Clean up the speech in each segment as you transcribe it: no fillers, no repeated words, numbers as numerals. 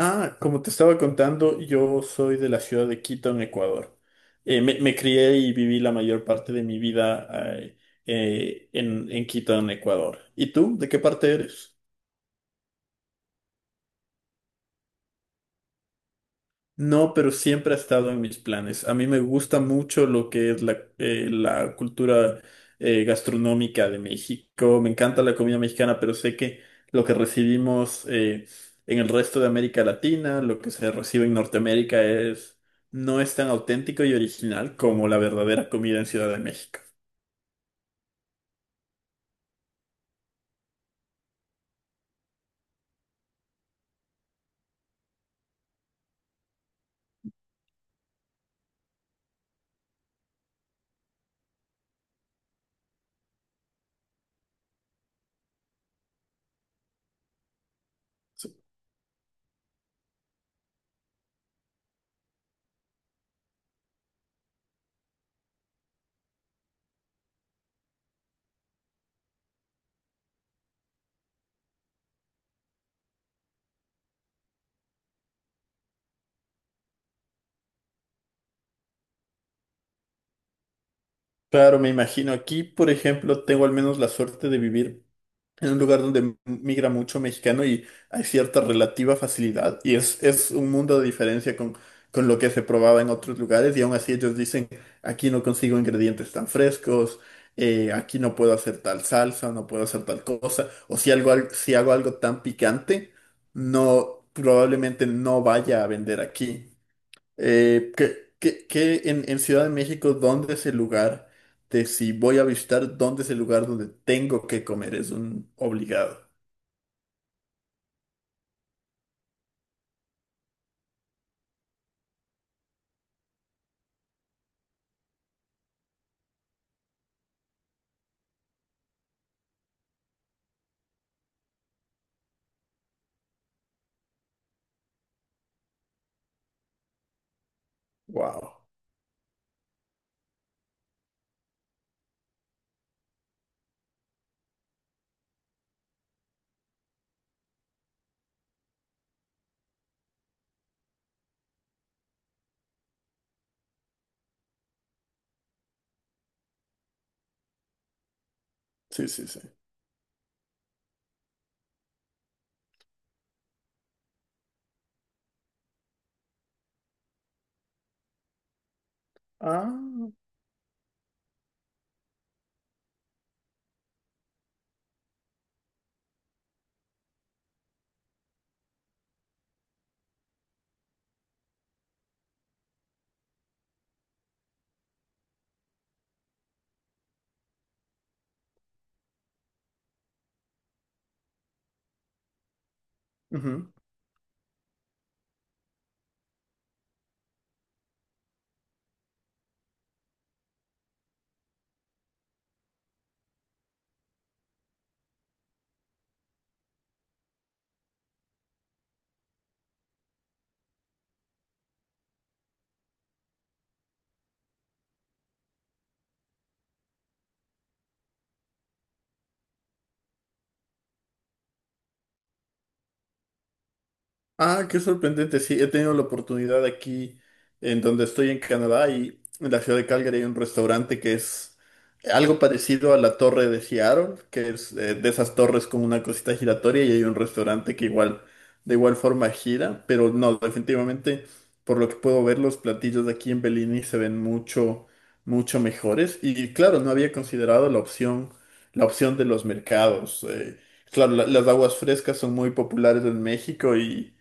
Como te estaba contando, yo soy de la ciudad de Quito, en Ecuador. Me crié y viví la mayor parte de mi vida eh, en Quito, en Ecuador. ¿Y tú? ¿De qué parte eres? No, pero siempre ha estado en mis planes. A mí me gusta mucho lo que es la cultura gastronómica de México. Me encanta la comida mexicana, pero sé que lo que recibimos en el resto de América Latina, lo que se recibe en Norteamérica no es tan auténtico y original como la verdadera comida en Ciudad de México. Sí. Claro, me imagino aquí, por ejemplo, tengo al menos la suerte de vivir en un lugar donde migra mucho mexicano y hay cierta relativa facilidad. Es un mundo de diferencia con lo que se probaba en otros lugares. Y aún así ellos dicen, aquí no consigo ingredientes tan frescos, aquí no puedo hacer tal salsa, no puedo hacer tal cosa. O si algo, si hago algo tan picante, no, probablemente no vaya a vender aquí. ¿En Ciudad de México, ¿dónde es el lugar de, si voy a visitar, dónde es el lugar donde tengo que comer? Es un obligado. Wow. Sí, sí, sí. Ah. Ujú. Ah, qué sorprendente. Sí, he tenido la oportunidad aquí en donde estoy en Canadá, y en la ciudad de Calgary hay un restaurante que es algo parecido a la torre de Seattle, que es, de esas torres con una cosita giratoria, y hay un restaurante que igual, de igual forma gira, pero no, definitivamente, por lo que puedo ver, los platillos de aquí en Bellini se ven mucho, mucho mejores. Y claro, no había considerado la opción de los mercados. Claro, las aguas frescas son muy populares en México, y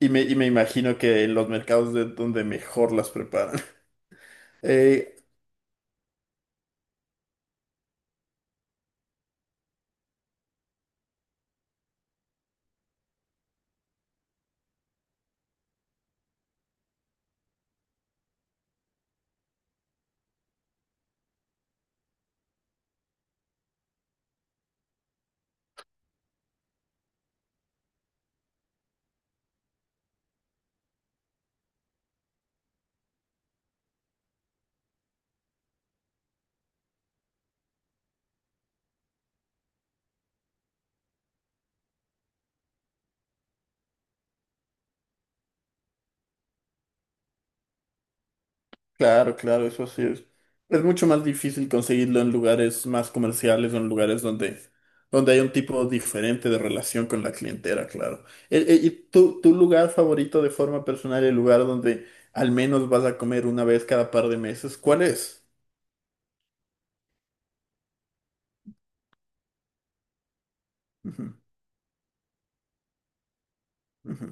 y me, y me imagino que en los mercados de donde mejor las preparan. Eh, claro, claro, eso sí es. Es mucho más difícil conseguirlo en lugares más comerciales o en lugares donde hay un tipo diferente de relación con la clientela, claro. ¿Y tu lugar favorito de forma personal, el lugar donde al menos vas a comer una vez cada par de meses, cuál es? Ujú, ujú.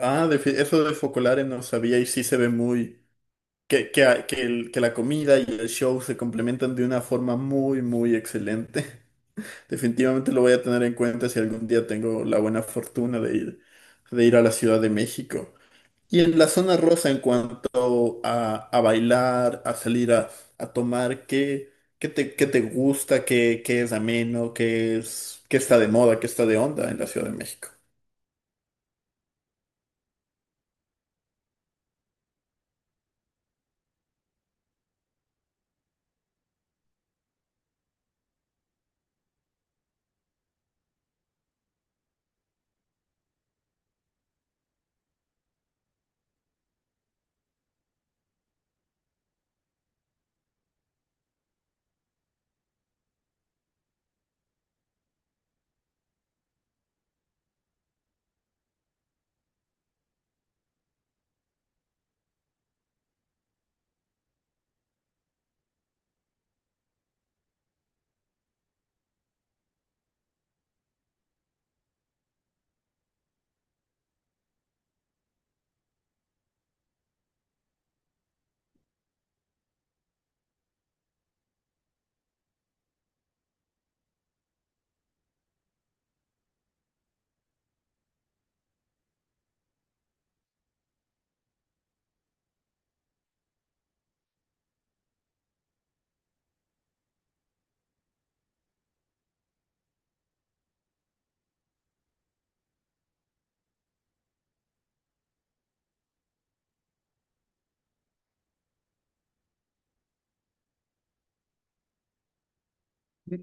Ah, de eso de Focolare no sabía, y sí se ve muy... Que la comida y el show se complementan de una forma muy, muy excelente. Definitivamente lo voy a tener en cuenta si algún día tengo la buena fortuna de ir a la Ciudad de México. Y en la zona rosa, en cuanto a bailar, a salir a tomar, ¿qué te gusta? ¿Qué, qué es ameno? ¿Qué, es, qué está de moda? ¿Qué está de onda en la Ciudad de México?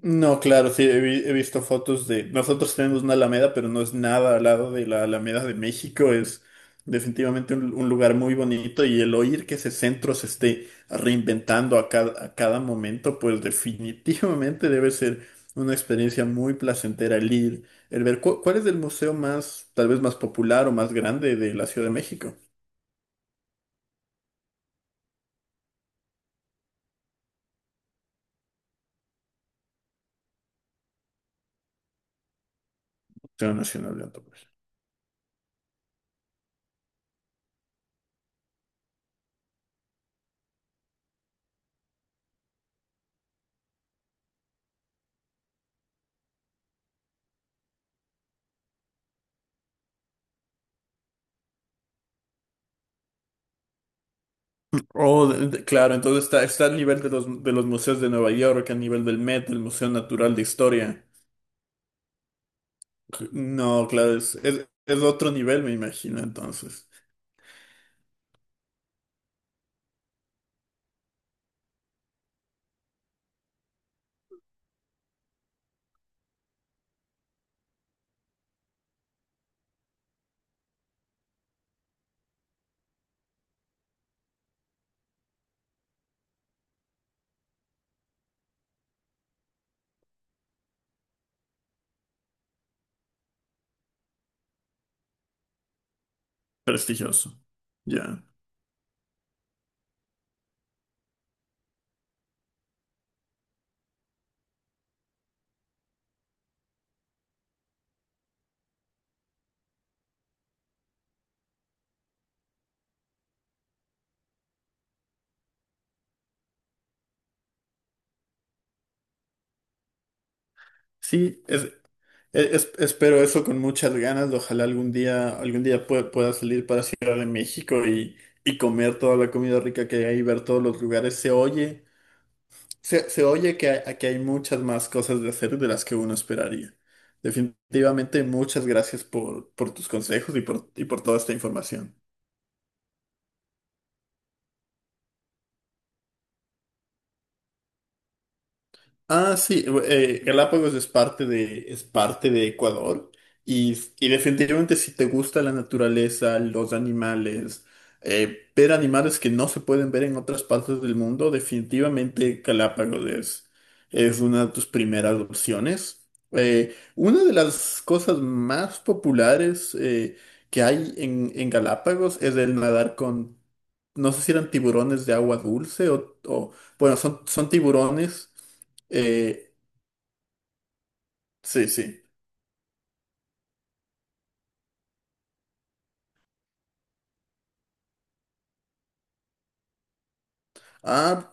No, claro, sí, he, he visto fotos de... Nosotros tenemos una Alameda, pero no es nada al lado de la Alameda de México. Es definitivamente un lugar muy bonito, y el oír que ese centro se esté reinventando a cada momento, pues definitivamente debe ser una experiencia muy placentera el ir, el ver cuál es el museo más, tal vez más popular o más grande de la Ciudad de México. Museo Nacional de Antropología. Oh, claro, entonces está, está al nivel de de los museos de Nueva York, al nivel del Met, del Museo Natural de Historia. No, claro, es otro nivel, me imagino, entonces. Prestigioso. Ya. Sí, es, espero eso con muchas ganas. Ojalá algún día pueda salir para Ciudad de México, y comer toda la comida rica que hay, ver todos los lugares. Se oye. Se oye que aquí hay muchas más cosas de hacer de las que uno esperaría. Definitivamente, muchas gracias por tus consejos y por toda esta información. Ah, sí, Galápagos es parte de Ecuador, y definitivamente si te gusta la naturaleza, los animales, ver animales que no se pueden ver en otras partes del mundo, definitivamente Galápagos es una de tus primeras opciones. Una de las cosas más populares que hay en Galápagos es el nadar con, no sé si eran tiburones de agua dulce bueno, son, son tiburones. Eh, sí, sí. Ah.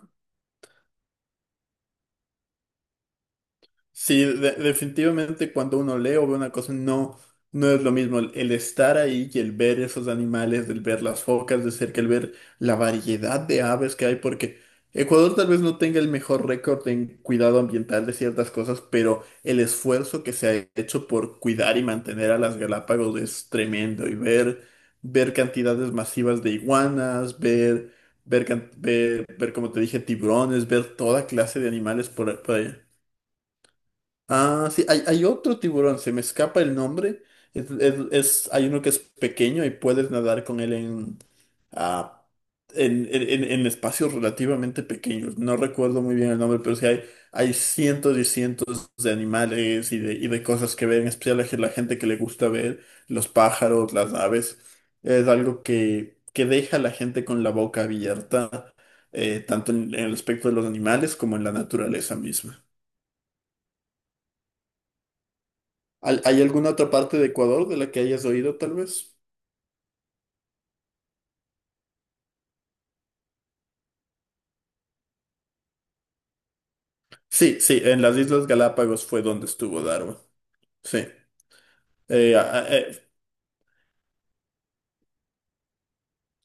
Sí, definitivamente cuando uno lee o ve una cosa, no, no es lo mismo el estar ahí y el ver esos animales, el ver las focas de cerca, el ver la variedad de aves que hay, porque Ecuador tal vez no tenga el mejor récord en cuidado ambiental de ciertas cosas, pero el esfuerzo que se ha hecho por cuidar y mantener a las Galápagos es tremendo. Ver cantidades masivas de iguanas, ver, como te dije, tiburones, ver toda clase de animales por ahí. Ah, sí, hay otro tiburón, se me escapa el nombre. Hay uno que es pequeño y puedes nadar con él en, ah, en espacios relativamente pequeños. No recuerdo muy bien el nombre, pero sí hay cientos y cientos de animales y de cosas que ver, en especial a la gente que le gusta ver, los pájaros, las aves. Es algo que deja a la gente con la boca abierta, tanto en el aspecto de los animales como en la naturaleza misma. ¿Hay, hay alguna otra parte de Ecuador de la que hayas oído, tal vez? Sí, sí, en las Islas Galápagos fue donde estuvo Darwin. Sí. Eh, a- a- eh,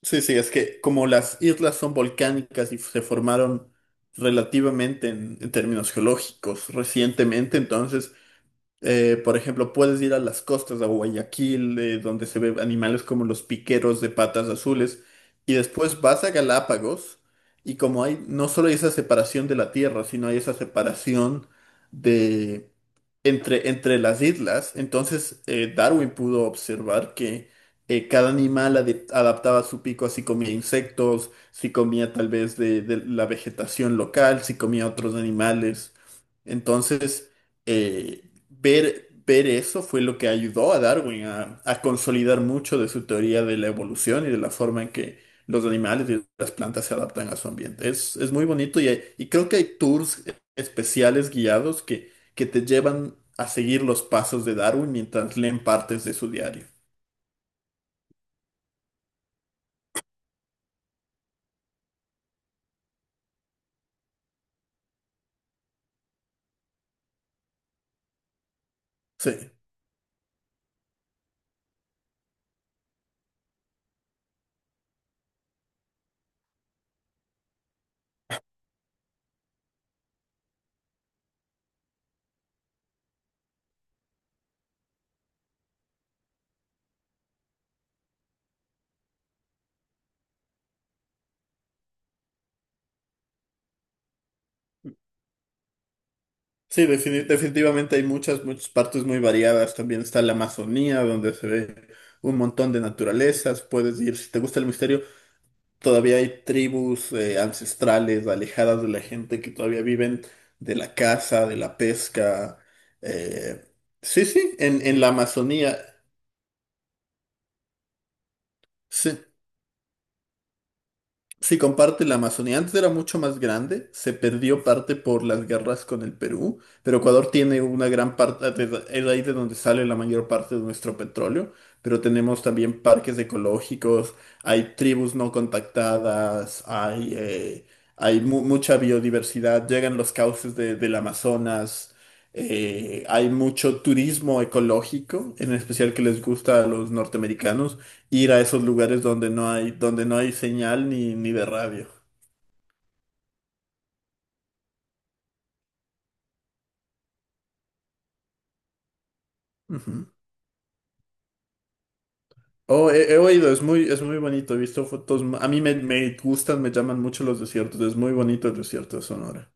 sí, sí, es que como las islas son volcánicas y se formaron relativamente en términos geológicos recientemente, entonces, por ejemplo, puedes ir a las costas de Guayaquil, donde se ven animales como los piqueros de patas azules, y después vas a Galápagos, y como hay, no solo hay esa separación de la tierra, sino hay esa separación de, entre las islas. Entonces, Darwin pudo observar que cada animal adaptaba su pico a si comía insectos, si comía tal vez de la vegetación local, si comía otros animales. Entonces, eh, ver eso fue lo que ayudó a Darwin a consolidar mucho de su teoría de la evolución y de la forma en que los animales y las plantas se adaptan a su ambiente. Es muy bonito, y creo que hay tours especiales guiados que te llevan a seguir los pasos de Darwin mientras leen partes de su diario. Sí, sí, definitivamente hay muchas, muchas partes muy variadas. También está la Amazonía, donde se ve un montón de naturalezas. Puedes ir, si te gusta el misterio, todavía hay tribus ancestrales alejadas de la gente que todavía viven de la caza, de la pesca. eh, Sí, sí, en la Amazonía. Sí. Sí, comparte la Amazonía. Antes era mucho más grande, se perdió parte por las guerras con el Perú, pero Ecuador tiene una gran parte, es ahí de donde sale la mayor parte de nuestro petróleo, pero tenemos también parques ecológicos, hay tribus no contactadas, hay, mucha biodiversidad, llegan los cauces del Amazonas, hay mucho turismo ecológico, en especial que les gusta a los norteamericanos ir a esos lugares donde no hay señal ni de radio. Ujú. Oh, he, he oído, es muy bonito, he visto fotos. A mí me, me gustan, me llaman mucho los desiertos, es muy bonito el desierto de Sonora.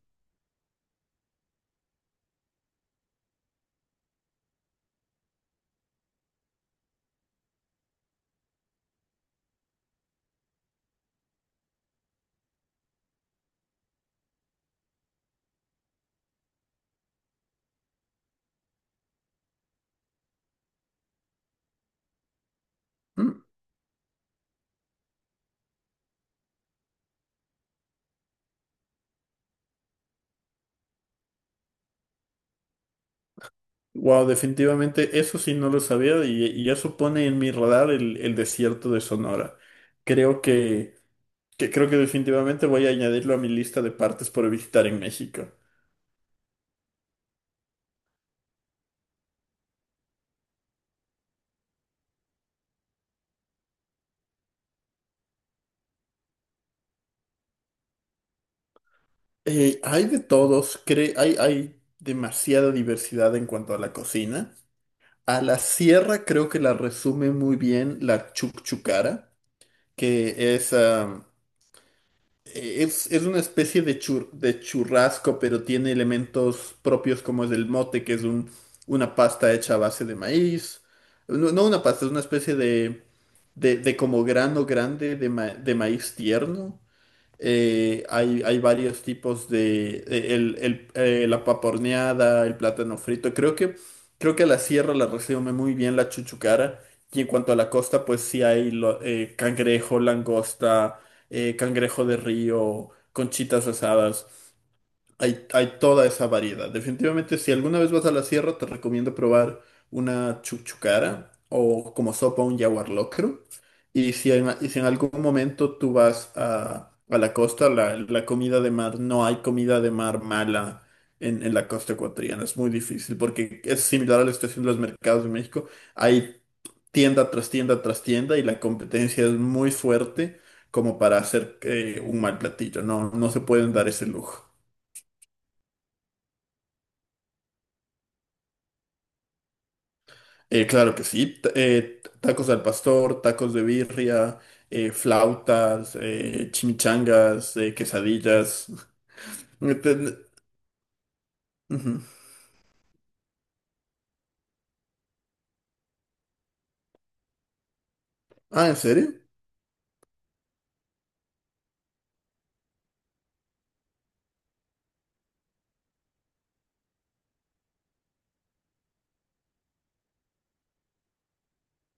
Wow, definitivamente eso sí no lo sabía, y eso pone en mi radar el desierto de Sonora. Creo que creo que definitivamente voy a añadirlo a mi lista de partes por visitar en México. Hay de todos, hay, hay demasiada diversidad en cuanto a la cocina. A la sierra creo que la resume muy bien la chucchucara, que es, ah, es una especie de, de churrasco, pero tiene elementos propios como es el mote, que es un, una pasta hecha a base de maíz. No, no una pasta, es una especie de como grano grande de, de maíz tierno. Hay, hay varios tipos de la paporneada, el plátano frito. Creo que la sierra la resume muy bien la chuchucara. Y en cuanto a la costa, pues sí hay cangrejo, langosta, cangrejo de río, conchitas asadas. Hay toda esa variedad. Definitivamente, si alguna vez vas a la sierra, te recomiendo probar una chuchucara o como sopa un yaguar locro. Y si en algún momento tú vas a la costa, la comida de mar, no hay comida de mar mala en la costa ecuatoriana. Es muy difícil porque es similar a la situación de los mercados de México. Hay tienda tras tienda tras tienda, y la competencia es muy fuerte como para hacer, un mal platillo. No, no se pueden dar ese lujo. Claro que sí. Tacos al pastor, tacos de birria, flautas, chimichangas, quesadillas. Enten- Ujú. Ah, ¿en serio?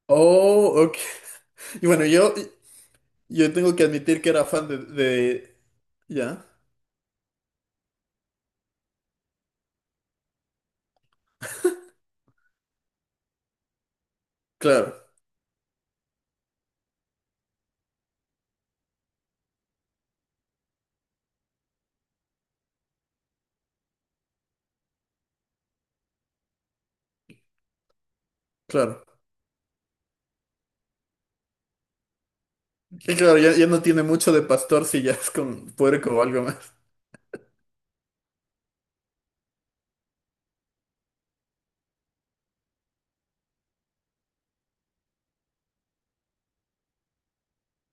Oh, ok. Y bueno, yo tengo que admitir que era fan de- Ya, claro, claro. Que claro, ya, ya no tiene mucho de pastor si ya es con puerco o algo más.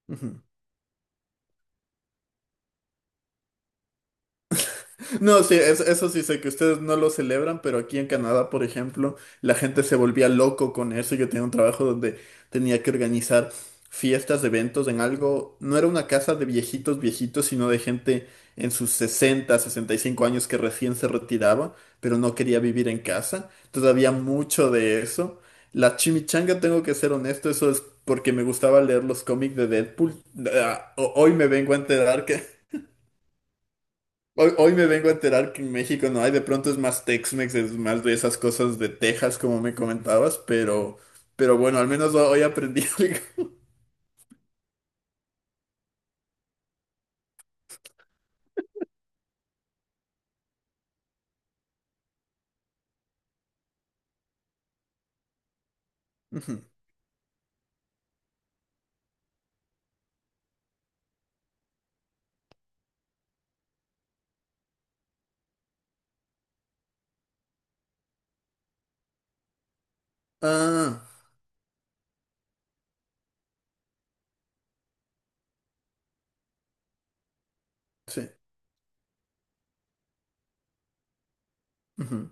Ujú. No, sí, eso sí sé que ustedes no lo celebran, pero aquí en Canadá, por ejemplo, la gente se volvía loco con eso. Yo tenía un trabajo donde tenía que organizar fiestas, eventos en algo. No era una casa de viejitos, viejitos, sino de gente en sus 60, 65 años, que recién se retiraba, pero no quería vivir en casa. Entonces había mucho de eso. La chimichanga, tengo que ser honesto, eso es porque me gustaba leer los cómics de Deadpool. Ah, hoy me vengo a enterar que hoy, hoy me vengo a enterar que en México no hay, de pronto es más Tex-Mex, es más de esas cosas de Texas, como me comentabas, pero bueno, al menos hoy aprendí algo. Ujú. Ah, sí. Ujú.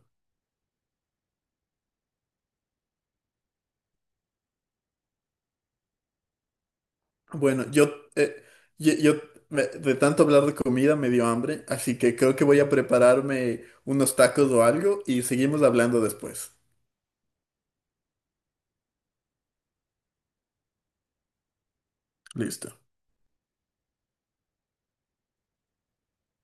Bueno, yo, yo, de tanto hablar de comida me dio hambre, así que creo que voy a prepararme unos tacos o algo y seguimos hablando después. Listo.